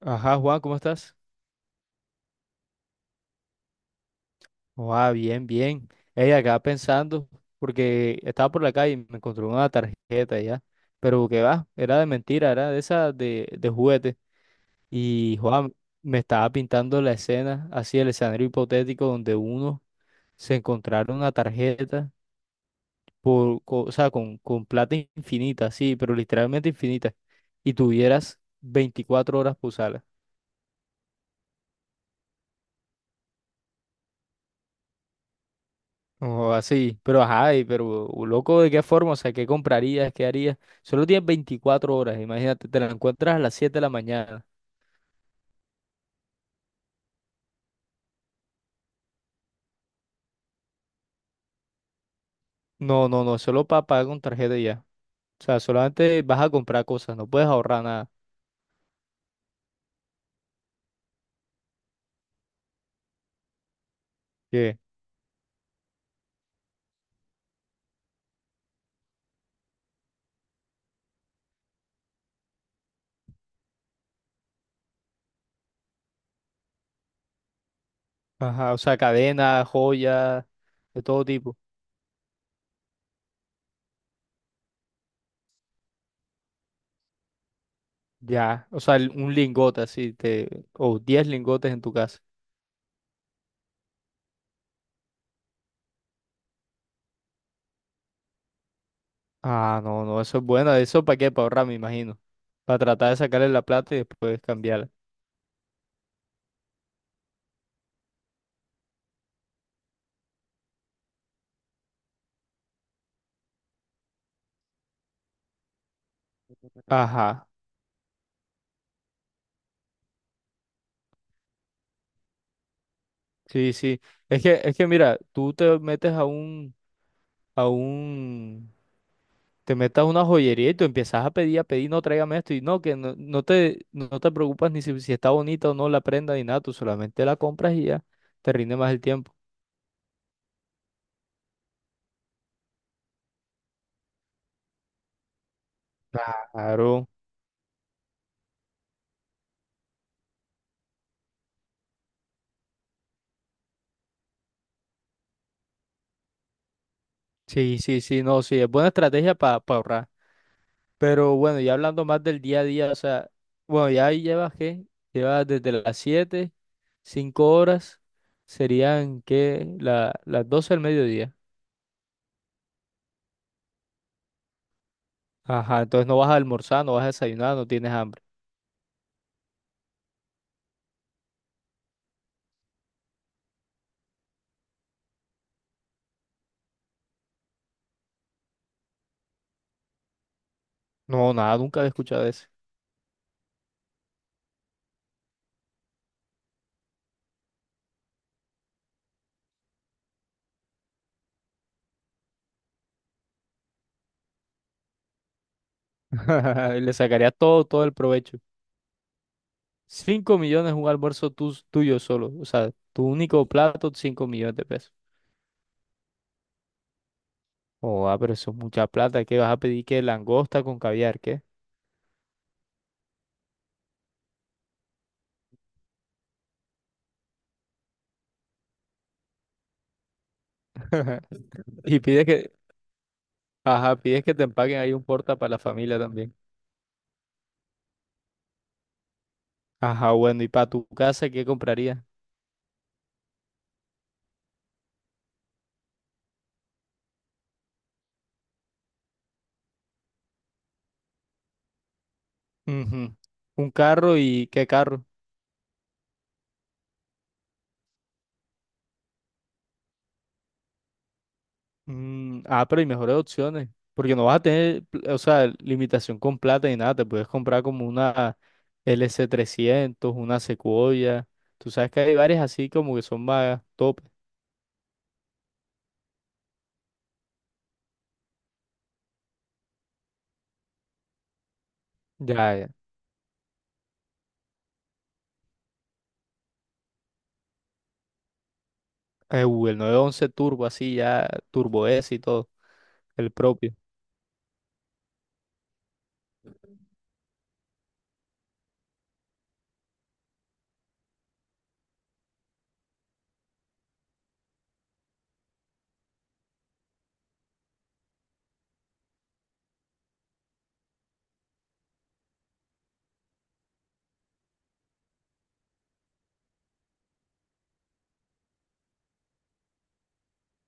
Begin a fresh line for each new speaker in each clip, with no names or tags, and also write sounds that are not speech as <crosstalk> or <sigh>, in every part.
Ajá, Juan, ¿cómo estás? Ah, bien, bien. Ey, acá pensando, porque estaba por la calle y me encontré una tarjeta ya. Pero que va, era de mentira, era de esa de juguete. Y Juan me estaba pintando la escena, así el escenario hipotético donde uno se encontrara una tarjeta, o sea, con plata infinita, sí, pero literalmente infinita, y tuvieras 24 horas para usarla. O así, pero ajá, y pero loco, ¿de qué forma? O sea, ¿qué comprarías? ¿Qué harías? Solo tienes 24 horas, imagínate, te la encuentras a las 7 de la mañana. No, no, no, solo para pagar con tarjeta y ya. O sea, solamente vas a comprar cosas, no puedes ahorrar nada. ¿Qué? Ajá, o sea, cadenas, joyas, de todo tipo. Ya, o sea, un lingote así, te, o 10 lingotes en tu casa. Ah, no, no, eso es bueno, ¿eso para qué? Para ahorrar, me imagino. Para tratar de sacarle la plata y después cambiarla. Ajá. Sí, sí. Es que mira, tú te metes a a un, te metes a una joyería y tú empiezas a pedir, no, tráigame esto y no, que no, no te preocupas ni si, si está bonita o no la prenda ni nada, tú solamente la compras y ya te rinde más el tiempo. Claro. Sí, sí, sí, no, sí, es buena estrategia para ahorrar. Pero bueno, ya hablando más del día a día, o sea, bueno, ya ahí llevas qué, llevas desde las 7, 5 horas, serían que las 12 del mediodía. Ajá, entonces no vas a almorzar, no vas a desayunar, no tienes hambre. No, nada, nunca he escuchado eso. <laughs> Le sacaría todo, todo el provecho. 5 millones un almuerzo tuyo solo. O sea, tu único plato, 5 millones de pesos. Oh, ah, pero eso es mucha plata. ¿Qué vas a pedir? ¿Qué? Langosta con caviar, ¿qué? Y pides que, ajá, pides que te empaquen ahí un porta para la familia también. Ajá, bueno, ¿y para tu casa qué comprarías? Ujú. Un carro y ¿qué carro? Mm, ah, pero hay mejores opciones, porque no vas a tener, o sea, limitación con plata ni nada, te puedes comprar como una LC 300 una Sequoia, tú sabes que hay varias así como que son más top, ya, ya. El 911 Turbo, así ya, Turbo S y todo, el propio.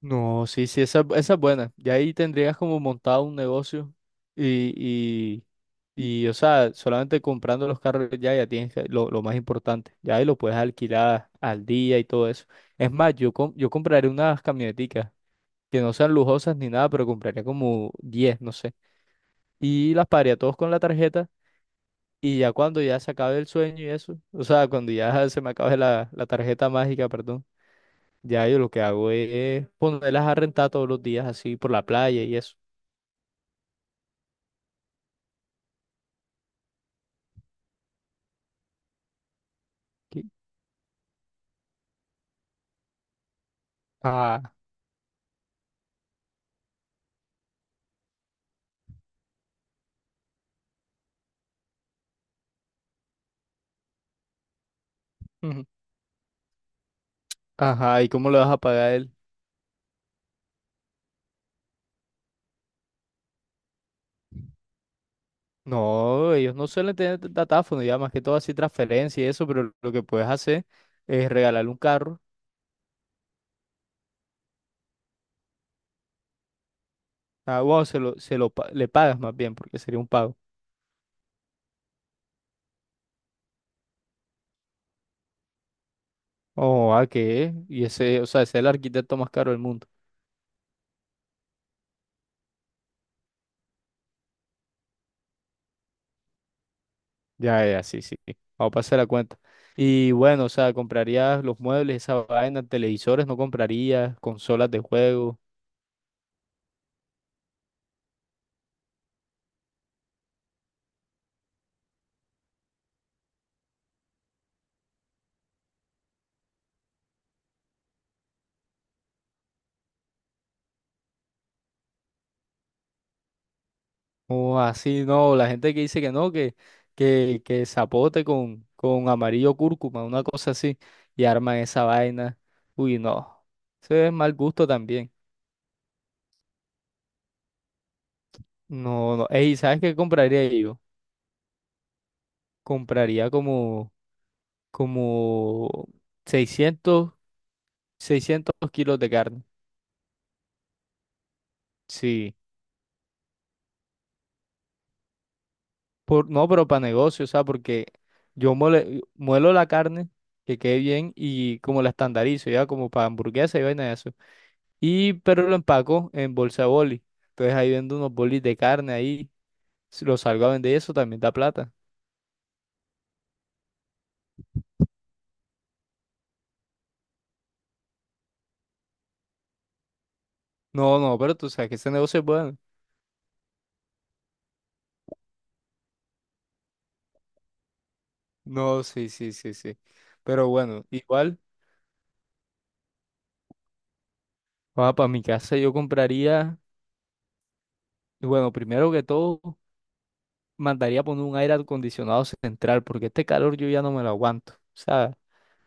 No, sí, sí, esa es buena. Y ahí tendrías como montado un negocio y, y, o sea, solamente comprando los carros ya, ya tienes lo más importante. Ya ahí lo puedes alquilar al día y todo eso. Es más, yo, yo compraré unas camioneticas que no sean lujosas ni nada, pero compraría como 10 no sé. Y las pagaría todos con la tarjeta y ya cuando ya se acabe el sueño y eso, o sea, cuando ya se me acabe la tarjeta mágica, perdón. Ya yo lo que hago es ponerlas a rentar todos los días así por la playa y eso. ¿Qué? Ah, ujú. Ajá, ¿y cómo le vas a pagar él? No, ellos no suelen tener datáfono, ya más que todo así transferencia y eso, pero lo que puedes hacer es regalarle un carro. Ah, bueno, le pagas más bien, porque sería un pago. Oh, ¿a qué? Y ese, o sea, ese es el arquitecto más caro del mundo. Ya, ya, sí, sí, sí. Vamos a pasar la cuenta. Y bueno, o sea, comprarías los muebles, esa vaina, televisores, no comprarías, consolas de juego. O así, no, la gente que dice que no, que zapote con amarillo cúrcuma, una cosa así, y arman esa vaina. Uy, no, eso es mal gusto también. No, no, ey, ¿sabes qué compraría yo? Compraría como, como 600 600 kilos de carne. Sí, por, no, pero para negocio, o sea, porque yo muelo la carne, que quede bien, y como la estandarizo, ya como para hamburguesa y vaina de. Y, pero lo empaco en bolsa de boli. Entonces ahí vendo unos bolis de carne ahí. Si lo salgo a vender, eso también da plata. No, no, pero tú sabes que ese negocio es bueno. No, sí, sí, sí, sí. Pero bueno, igual, para mi casa yo compraría, y bueno, primero que todo, mandaría poner un aire acondicionado central, porque este calor yo ya no me lo aguanto. O sea,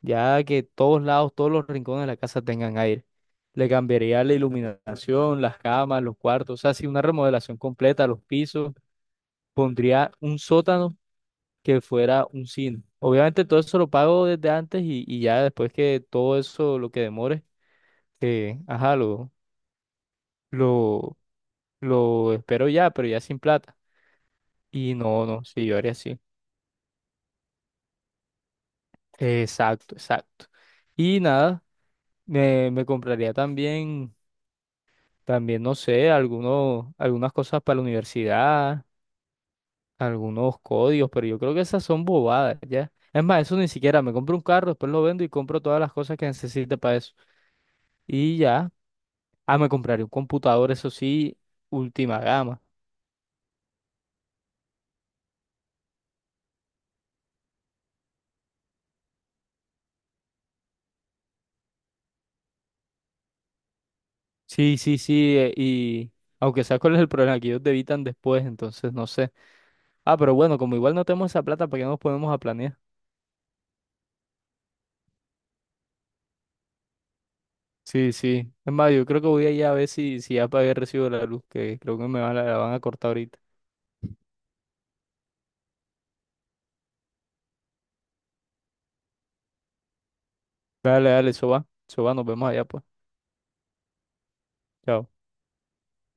ya que todos lados, todos los rincones de la casa tengan aire. Le cambiaría la iluminación, las camas, los cuartos, o sea, sí, una remodelación completa, los pisos pondría un sótano que fuera un cine. Obviamente todo eso lo pago desde antes y ya después que todo eso, lo que demore, ajá, lo, lo espero ya, pero ya sin plata. Y no, no, sí, yo haría así. Exacto, exacto. Y nada, me compraría también, también, no sé, algunas cosas para la universidad, algunos códigos, pero yo creo que esas son bobadas, ¿ya? Es más, eso ni siquiera, me compro un carro, después lo vendo y compro todas las cosas que necesite para eso. Y ya, ah, me compraré un computador, eso sí, última gama. Sí, sí, sí, y aunque sea cuál es el problema, que ellos debitan después, entonces no sé. Ah, pero bueno, como igual no tenemos esa plata, ¿para qué nos ponemos a planear? Sí, sí. Es más, yo creo que voy a ir a ver si, si ya pagué el recibo de la luz, que creo que me van, la van a cortar ahorita. Dale, dale, eso va, nos vemos allá pues. Chao.